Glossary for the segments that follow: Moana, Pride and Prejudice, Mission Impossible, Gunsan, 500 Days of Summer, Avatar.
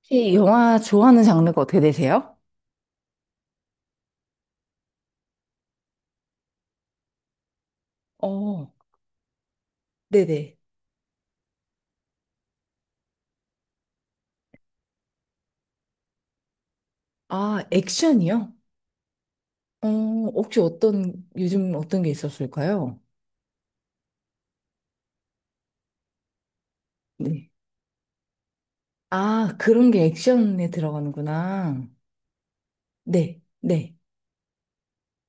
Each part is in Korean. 혹시 영화 좋아하는 장르가 어떻게 되세요? 어, 네네. 아, 액션이요? 어, 혹시 요즘 어떤 게 있었을까요? 네. 아, 그런 게 액션에 들어가는구나. 네, 네,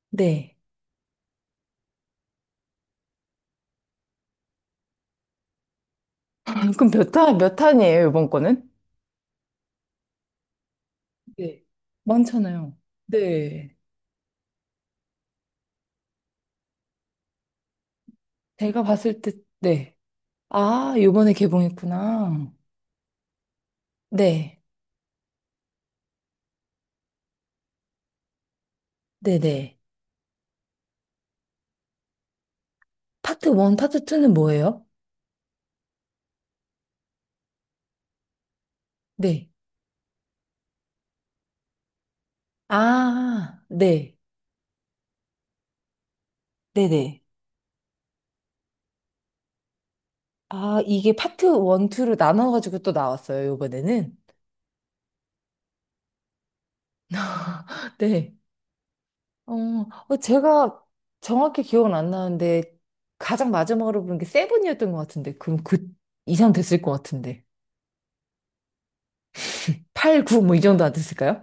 네, 아, 그럼 몇 탄이에요, 이번 거는? 네. 많잖아요. 네. 제가 봤을 때, 네. 아, 요번에 개봉했구나. 네, 네네. 파트 1, 파트 2는 뭐예요? 네. 아, 네. 네네. 아, 이게 파트 1, 2로 나눠가지고 또 나왔어요, 요번에는. 네. 어, 제가 정확히 기억은 안 나는데, 가장 마지막으로 본 게 세븐이었던 것 같은데, 그럼 그 이상 됐을 것 같은데. 8, 9, 뭐 이 정도 안 됐을까요?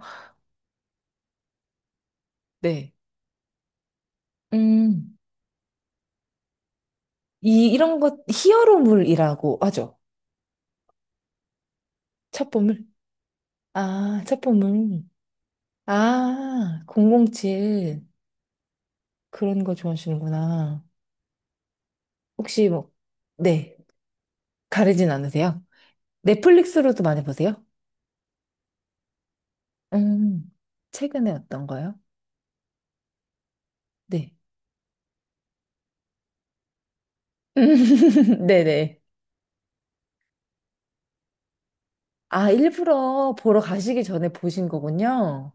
네. 음, 이런 것, 히어로물이라고 하죠. 첩보물? 아, 첩보물. 아, 007. 그런 거 좋아하시는구나. 혹시 뭐, 네. 가리진 않으세요? 넷플릭스로도 많이 보세요? 음, 최근에 어떤 거요? 네. 네네. 아, 일부러 보러 가시기 전에 보신 거군요.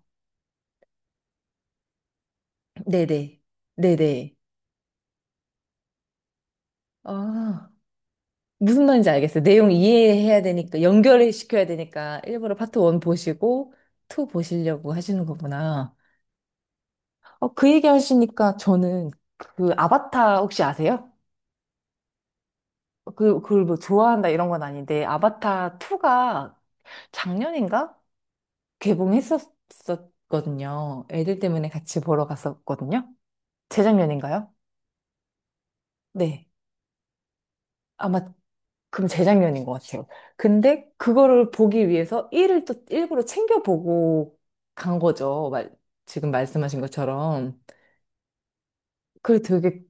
네네. 네네. 아, 무슨 말인지 알겠어요. 내용 이해해야 되니까, 연결을 시켜야 되니까, 일부러 파트 1 보시고, 2 보시려고 하시는 거구나. 어, 그 얘기 하시니까 저는 그 아바타 혹시 아세요? 그걸 뭐 좋아한다 이런 건 아닌데, 아바타 2가 작년인가? 개봉했었거든요. 애들 때문에 같이 보러 갔었거든요. 재작년인가요? 네. 아마 그럼 재작년인 것 같아요. 근데 그거를 보기 위해서 일을 또 일부러 챙겨보고 간 거죠. 말, 지금 말씀하신 것처럼. 그게 되게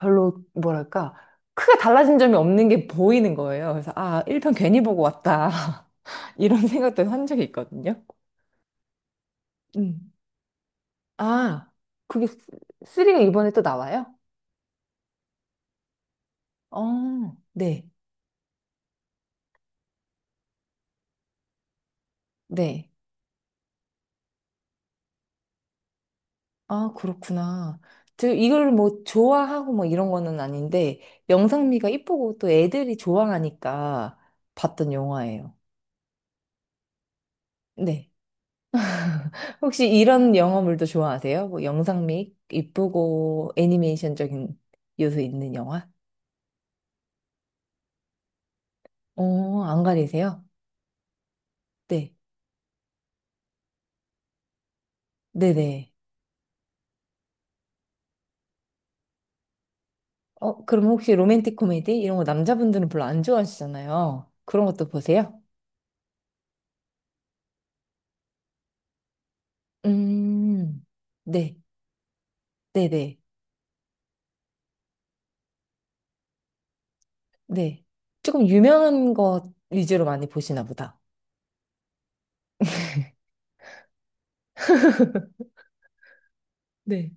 별로 뭐랄까 크게 달라진 점이 없는 게 보이는 거예요. 그래서 아, 1편 괜히 보고 왔다. 이런 생각도 한 적이 있거든요. 음. 아, 그게 쓰리가 이번에 또 나와요? 어, 네, 네. 아, 그렇구나. 저 이걸 뭐 좋아하고 뭐 이런 거는 아닌데, 영상미가 이쁘고 또 애들이 좋아하니까 봤던 영화예요. 네. 혹시 이런 영화물도 좋아하세요? 뭐 영상미 이쁘고 애니메이션적인 요소 있는 영화? 어, 안 가리세요? 네. 네네. 어, 그럼 혹시 로맨틱 코미디? 이런 거 남자분들은 별로 안 좋아하시잖아요. 그런 것도 보세요? 음, 네. 네네. 네. 조금 유명한 것 위주로 많이 보시나 보다. 네.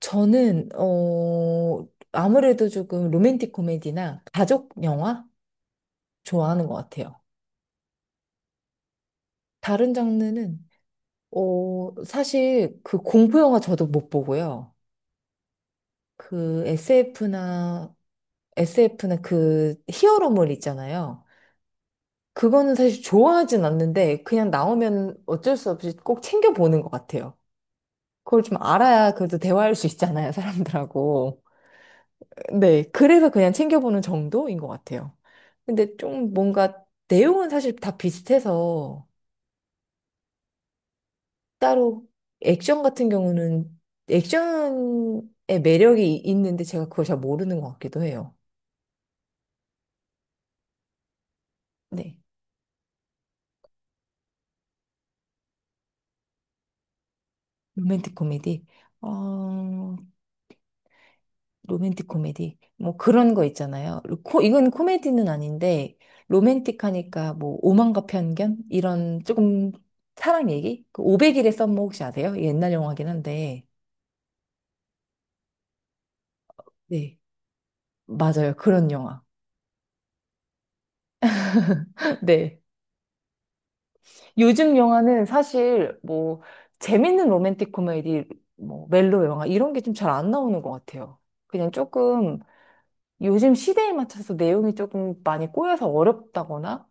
저는, 어, 아무래도 조금 로맨틱 코미디나 가족 영화 좋아하는 것 같아요. 다른 장르는, 어, 사실 그 공포 영화 저도 못 보고요. 그 SF나, SF나 그 히어로물 있잖아요. 그거는 사실 좋아하진 않는데 그냥 나오면 어쩔 수 없이 꼭 챙겨보는 것 같아요. 그걸 좀 알아야 그래도 대화할 수 있잖아요, 사람들하고. 네, 그래서 그냥 챙겨보는 정도인 것 같아요. 근데 좀 뭔가 내용은 사실 다 비슷해서 따로 액션 같은 경우는 액션의 매력이 있는데 제가 그걸 잘 모르는 것 같기도 해요. 네. 로맨틱 코미디. 어, 로맨틱 코미디. 뭐 그런 거 있잖아요. 이건 코미디는 아닌데 로맨틱하니까 뭐 오만과 편견? 이런 조금 사랑 얘기? 그 500일의 썸머 혹시 아세요? 옛날 영화긴 한데. 네. 맞아요. 그런 영화. 네. 요즘 영화는 사실 뭐 재밌는 로맨틱 코미디, 뭐 멜로 영화 이런 게 좀 잘 안 나오는 것 같아요. 그냥 조금 요즘 시대에 맞춰서 내용이 조금 많이 꼬여서 어렵다거나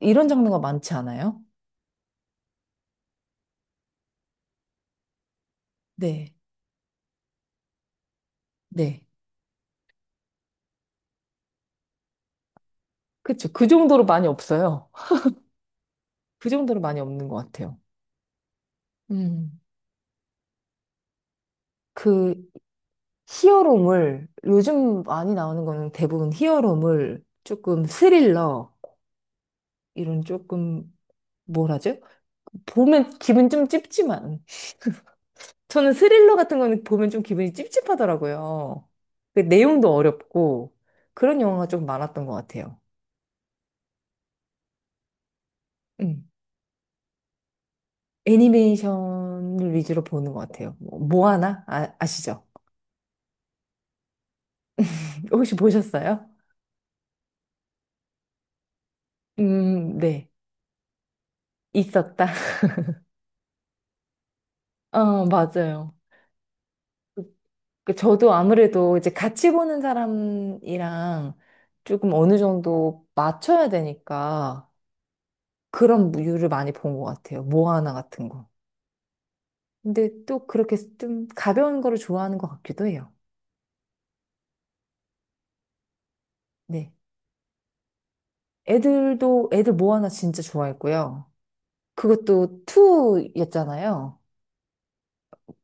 이런 장르가 많지 않아요? 네. 네. 그쵸. 그 정도로 많이 없어요. 그 정도로 많이 없는 것 같아요. 음. 그 히어로물, 요즘 많이 나오는 거는 대부분 히어로물, 조금 스릴러, 이런 조금 뭐라죠? 보면 기분 좀 찝지만 저는 스릴러 같은 거는 보면 좀 기분이 찝찝하더라고요. 그 내용도 어렵고 그런 영화가 좀 많았던 것 같아요. 음. 애니메이션을 위주로 보는 것 같아요. 뭐, 모아나? 아, 아시죠? 혹시 보셨어요? 네. 있었다. 어, 맞아요. 그 저도 아무래도 이제 같이 보는 사람이랑 조금 어느 정도 맞춰야 되니까 그런 류를 많이 본 것 같아요. 모아나 같은 거. 근데 또 그렇게 좀 가벼운 거를 좋아하는 것 같기도 해요. 네. 애들 모아나 진짜 좋아했고요. 그것도 2였잖아요.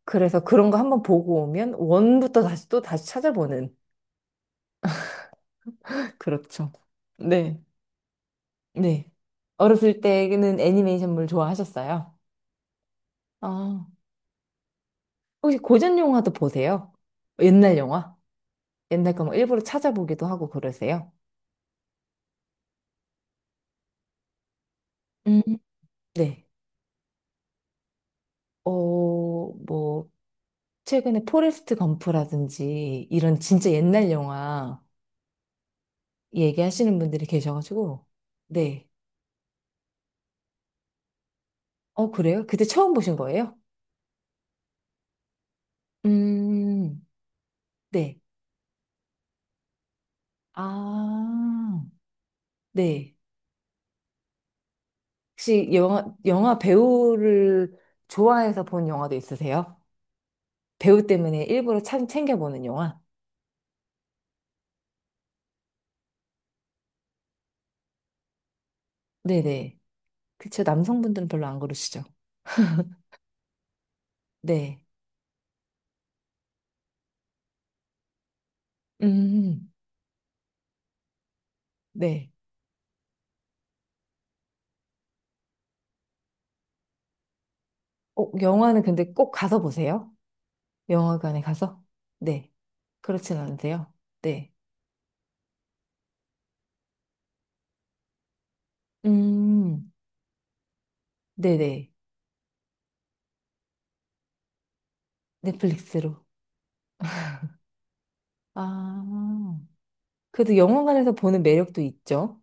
그래서 그런 거 한번 보고 오면 1부터 다시 또 다시 찾아보는. 그렇죠. 네. 네. 어렸을 때는 애니메이션물 좋아하셨어요? 아. 혹시 고전 영화도 보세요? 옛날 영화? 옛날 거막 일부러 찾아보기도 하고 그러세요? 음. 네. 어, 뭐. 최근에 포레스트 검프라든지 이런 진짜 옛날 영화 얘기하시는 분들이 계셔가지고, 네. 어, 그래요? 그때 처음 보신 거예요? 음, 네. 아, 네. 혹시 영화 배우를 좋아해서 본 영화도 있으세요? 배우 때문에 일부러 참 챙겨보는 영화? 네네. 그쵸. 남성분들은 별로 안 그러시죠? 네. 음, 네. 어, 영화는 근데 꼭 가서 보세요. 영화관에 가서. 네. 그렇진 않은데요. 네. 음, 네네. 넷플릭스로. 아, 그래도 영화관에서 보는 매력도 있죠.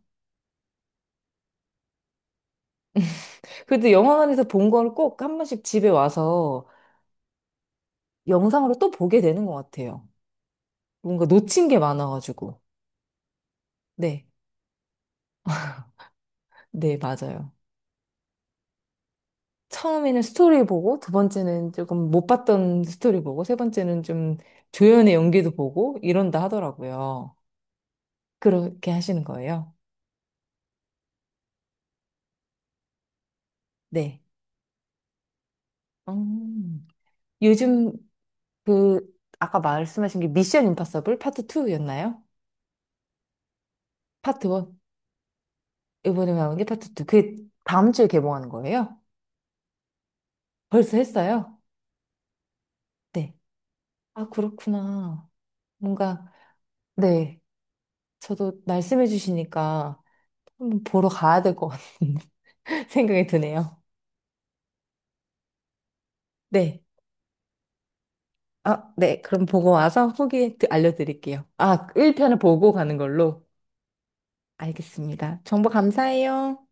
그래도 영화관에서 본 걸 꼭 한 번씩 집에 와서 영상으로 또 보게 되는 것 같아요. 뭔가 놓친 게 많아가지고. 네. 네, 맞아요. 처음에는 스토리 보고, 두 번째는 조금 못 봤던 스토리 보고, 세 번째는 좀 조연의 연기도 보고, 이런다 하더라고요. 그렇게 하시는 거예요? 네. 음. 요즘 그 아까 말씀하신 게 미션 임파서블 파트 2였나요? 파트 1. 이번에 나온 게 파트 2. 그게 다음 주에 개봉하는 거예요? 벌써 했어요? 네. 아, 그렇구나. 뭔가 네. 저도 말씀해 주시니까 한번 보러 가야 될 것 같은 생각이 드네요. 네. 아, 네. 그럼 보고 와서 후기 알려드릴게요. 아, 1편을 보고 가는 걸로. 알겠습니다. 정보 감사해요.